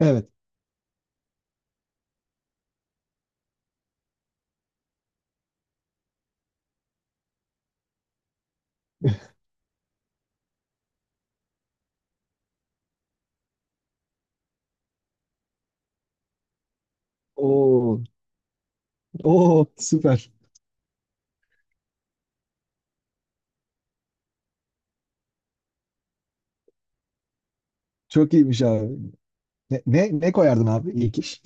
Evet. Oo, oo, süper. Çok iyiymiş abi. Ne koyardın abi? İlk iş.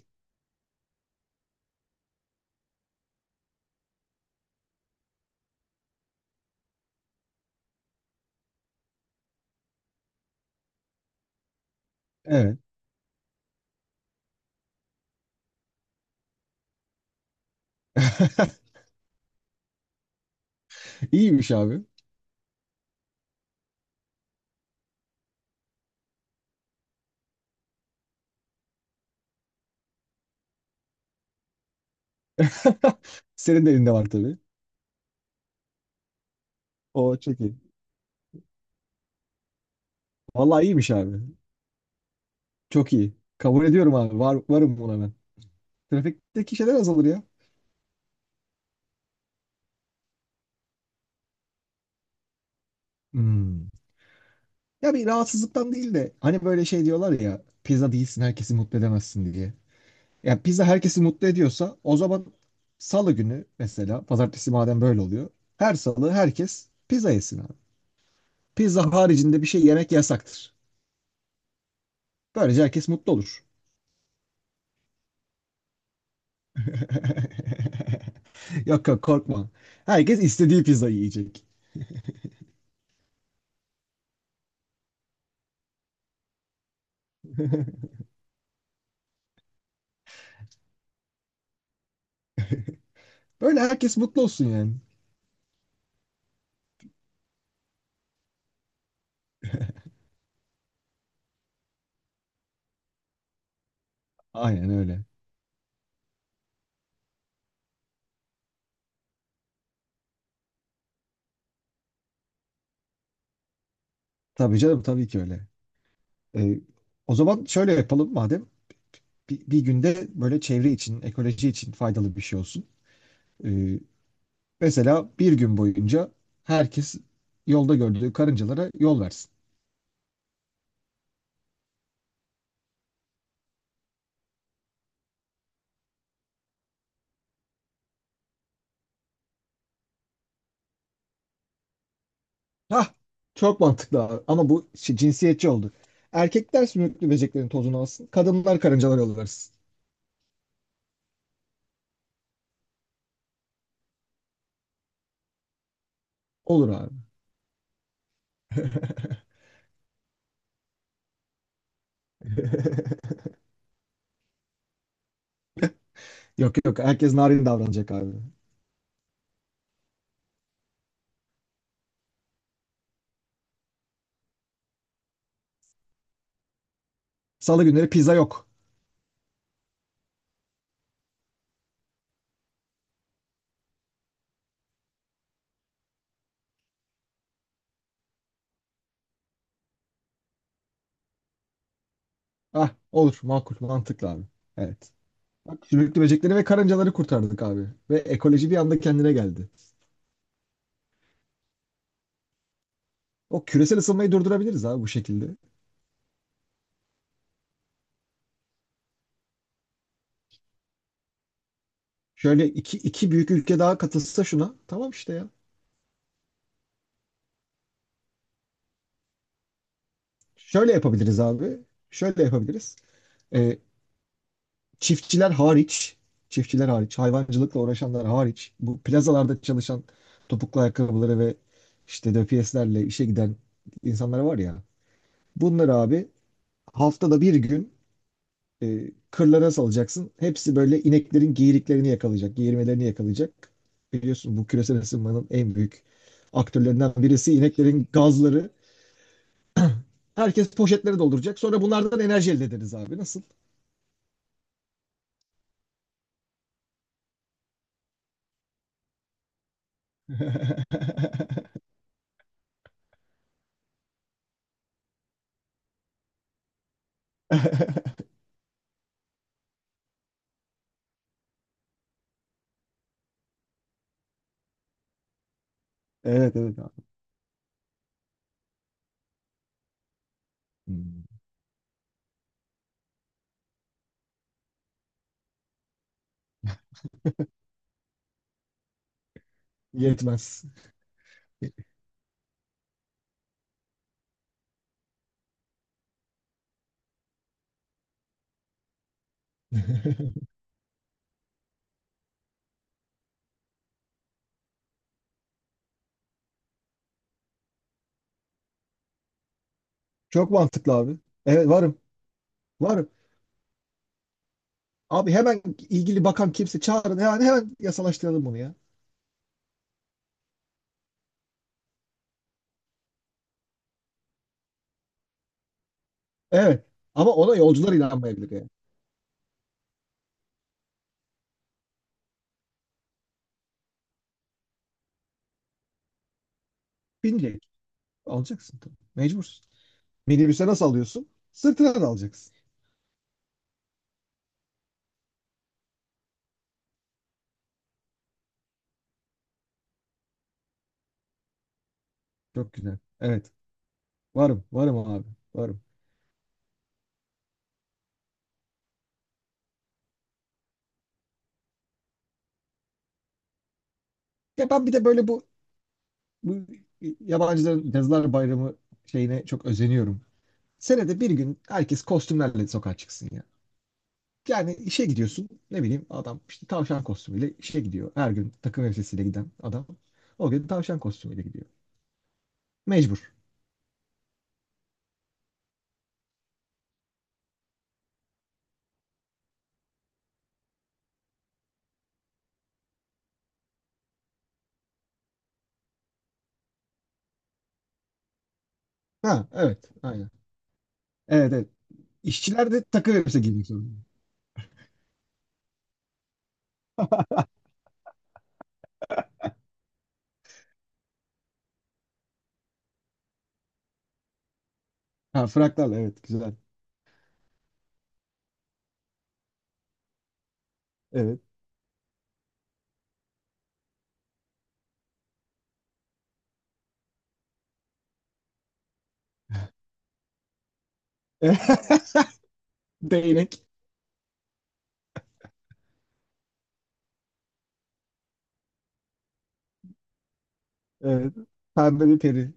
Evet. İyiymiş abi. Senin de elinde var tabii. O çok iyi. Vallahi iyiymiş abi. Çok iyi. Kabul ediyorum abi. Varım buna ben. Trafikteki şeyler azalır ya. Hmm. Ya bir rahatsızlıktan değil de hani böyle şey diyorlar ya pizza değilsin herkesi mutlu edemezsin diye. Ya pizza herkesi mutlu ediyorsa o zaman salı günü mesela pazartesi madem böyle oluyor her salı herkes pizza yesin abi. Pizza haricinde bir şey yemek yasaktır. Böylece herkes mutlu olur. Yok yok korkma. Herkes istediği pizzayı yiyecek. Böyle herkes mutlu olsun yani. Aynen öyle. Tabii canım tabii ki öyle. Ee, O zaman şöyle yapalım madem. Bir günde böyle çevre için, ekoloji için faydalı bir şey olsun. Ee, Mesela bir gün boyunca herkes yolda gördüğü karıncalara yol versin. Hah, çok mantıklı abi. Ama cinsiyetçi oldu. Erkekler sümüklü böceklerin tozunu alsın. Kadınlar karıncalar yollarız. Olur abi. Yok yok herkes narin davranacak abi. Salı günleri pizza yok. Ah olur makul mantıklı abi. Evet. Bak sümüklü böcekleri ve karıncaları kurtardık abi. Ve ekoloji bir anda kendine geldi. O küresel ısınmayı durdurabiliriz abi bu şekilde. Şöyle iki büyük ülke daha katılsa şuna. Tamam işte ya. Şöyle yapabiliriz abi. Şöyle yapabiliriz. Ee, Çiftçiler hariç, çiftçiler hariç, hayvancılıkla uğraşanlar hariç, bu plazalarda çalışan topuklu ayakkabıları ve işte döpiyeslerle işe giden insanlar var ya. Bunları abi haftada bir gün kırlara salacaksın. Hepsi böyle ineklerin geyiriklerini yakalayacak, geğirmelerini yakalayacak. Biliyorsun bu küresel ısınmanın en büyük aktörlerinden birisi ineklerin gazları. Herkes poşetleri dolduracak. Sonra bunlardan enerji elde ederiz abi. Nasıl? Evet evet abi. Hmm. Yetmez. Çok mantıklı abi. Evet varım. Varım. Abi hemen ilgili bakan kimse çağırın. Yani hemen yasalaştıralım bunu ya. Evet. Ama ona yolcular inanmayabilir yani. Binecek. Alacaksın tabii. Mecbursun. Minibüse nasıl alıyorsun? Sırtına da alacaksın. Çok güzel. Evet. Varım. Varım abi. Varım. Ya ben bir de böyle bu, bu yabancıların Yazılar Bayramı şeyine çok özeniyorum. Senede bir gün herkes kostümlerle sokağa çıksın. Yani işe gidiyorsun ne bileyim adam işte tavşan kostümüyle işe gidiyor. Her gün takım elbisesiyle giden adam o gün tavşan kostümüyle gidiyor. Mecbur. Ha evet aynen. Evet evet. İşçiler de takım elbise giymek zorunda. Ha fraklarla evet güzel. Evet. Değnek. Evet. Pembe bir peri.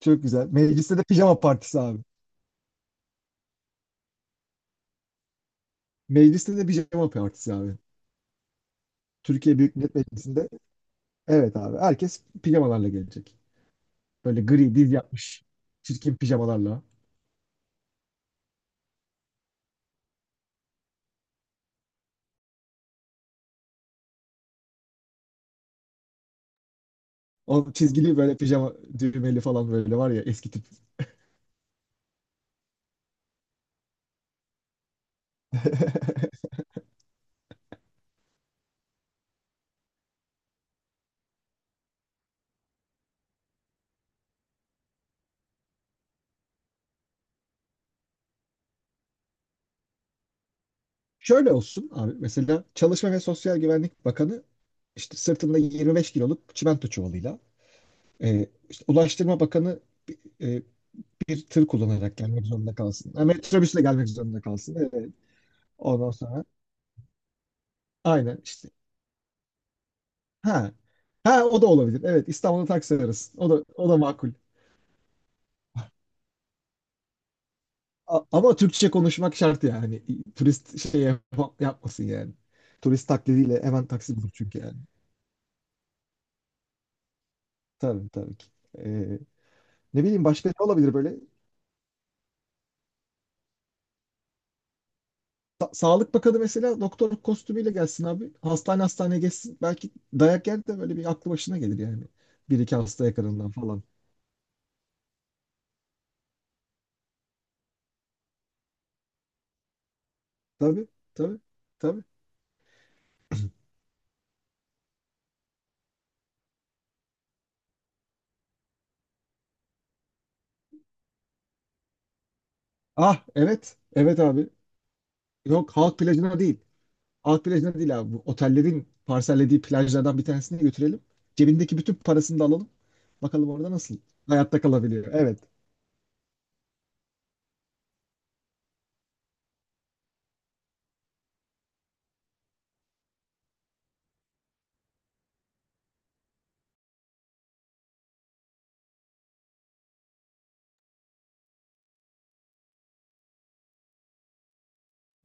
Çok güzel. Mecliste de pijama partisi abi. Mecliste de pijama partisi abi. Türkiye Büyük Millet Meclisi'nde evet abi herkes pijamalarla gelecek. Böyle gri diz yapmış. Çirkin pijamalarla. O çizgili böyle pijama düğmeli falan böyle var ya eski tip. Şöyle olsun abi mesela Çalışma ve Sosyal Güvenlik Bakanı işte sırtında 25 kiloluk çimento çuvalıyla işte Ulaştırma Bakanı e, bir tır kullanarak gelmek zorunda kalsın. Ha, metrobüsle gelmek zorunda kalsın. Evet. Ondan sonra aynen işte. Ha. Ha o da olabilir. Evet İstanbul'da taksi arası. O da makul. Ama Türkçe konuşmak şart yani. Turist şey yapmasın yani. Turist taklidiyle hemen taksi bulur çünkü yani. Tabii tabii ki. Ee, Ne bileyim başka ne olabilir böyle? Sağlık Bakanı mesela doktor kostümüyle gelsin abi. Hastane hastane geçsin. Belki dayak yer de böyle bir aklı başına gelir yani. Bir iki hasta yakınından falan. Tabii tabii tabii. Ah evet evet abi. Yok halk plajına değil. Halk plajına değil abi. Bu otellerin parsellediği plajlardan bir tanesine götürelim. Cebindeki bütün parasını da alalım. Bakalım orada nasıl hayatta kalabiliyor. Evet.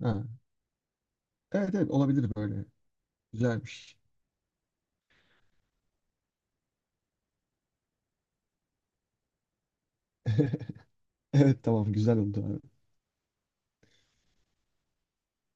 Ha. Evet evet olabilir böyle. Güzelmiş. Evet tamam güzel oldu abi.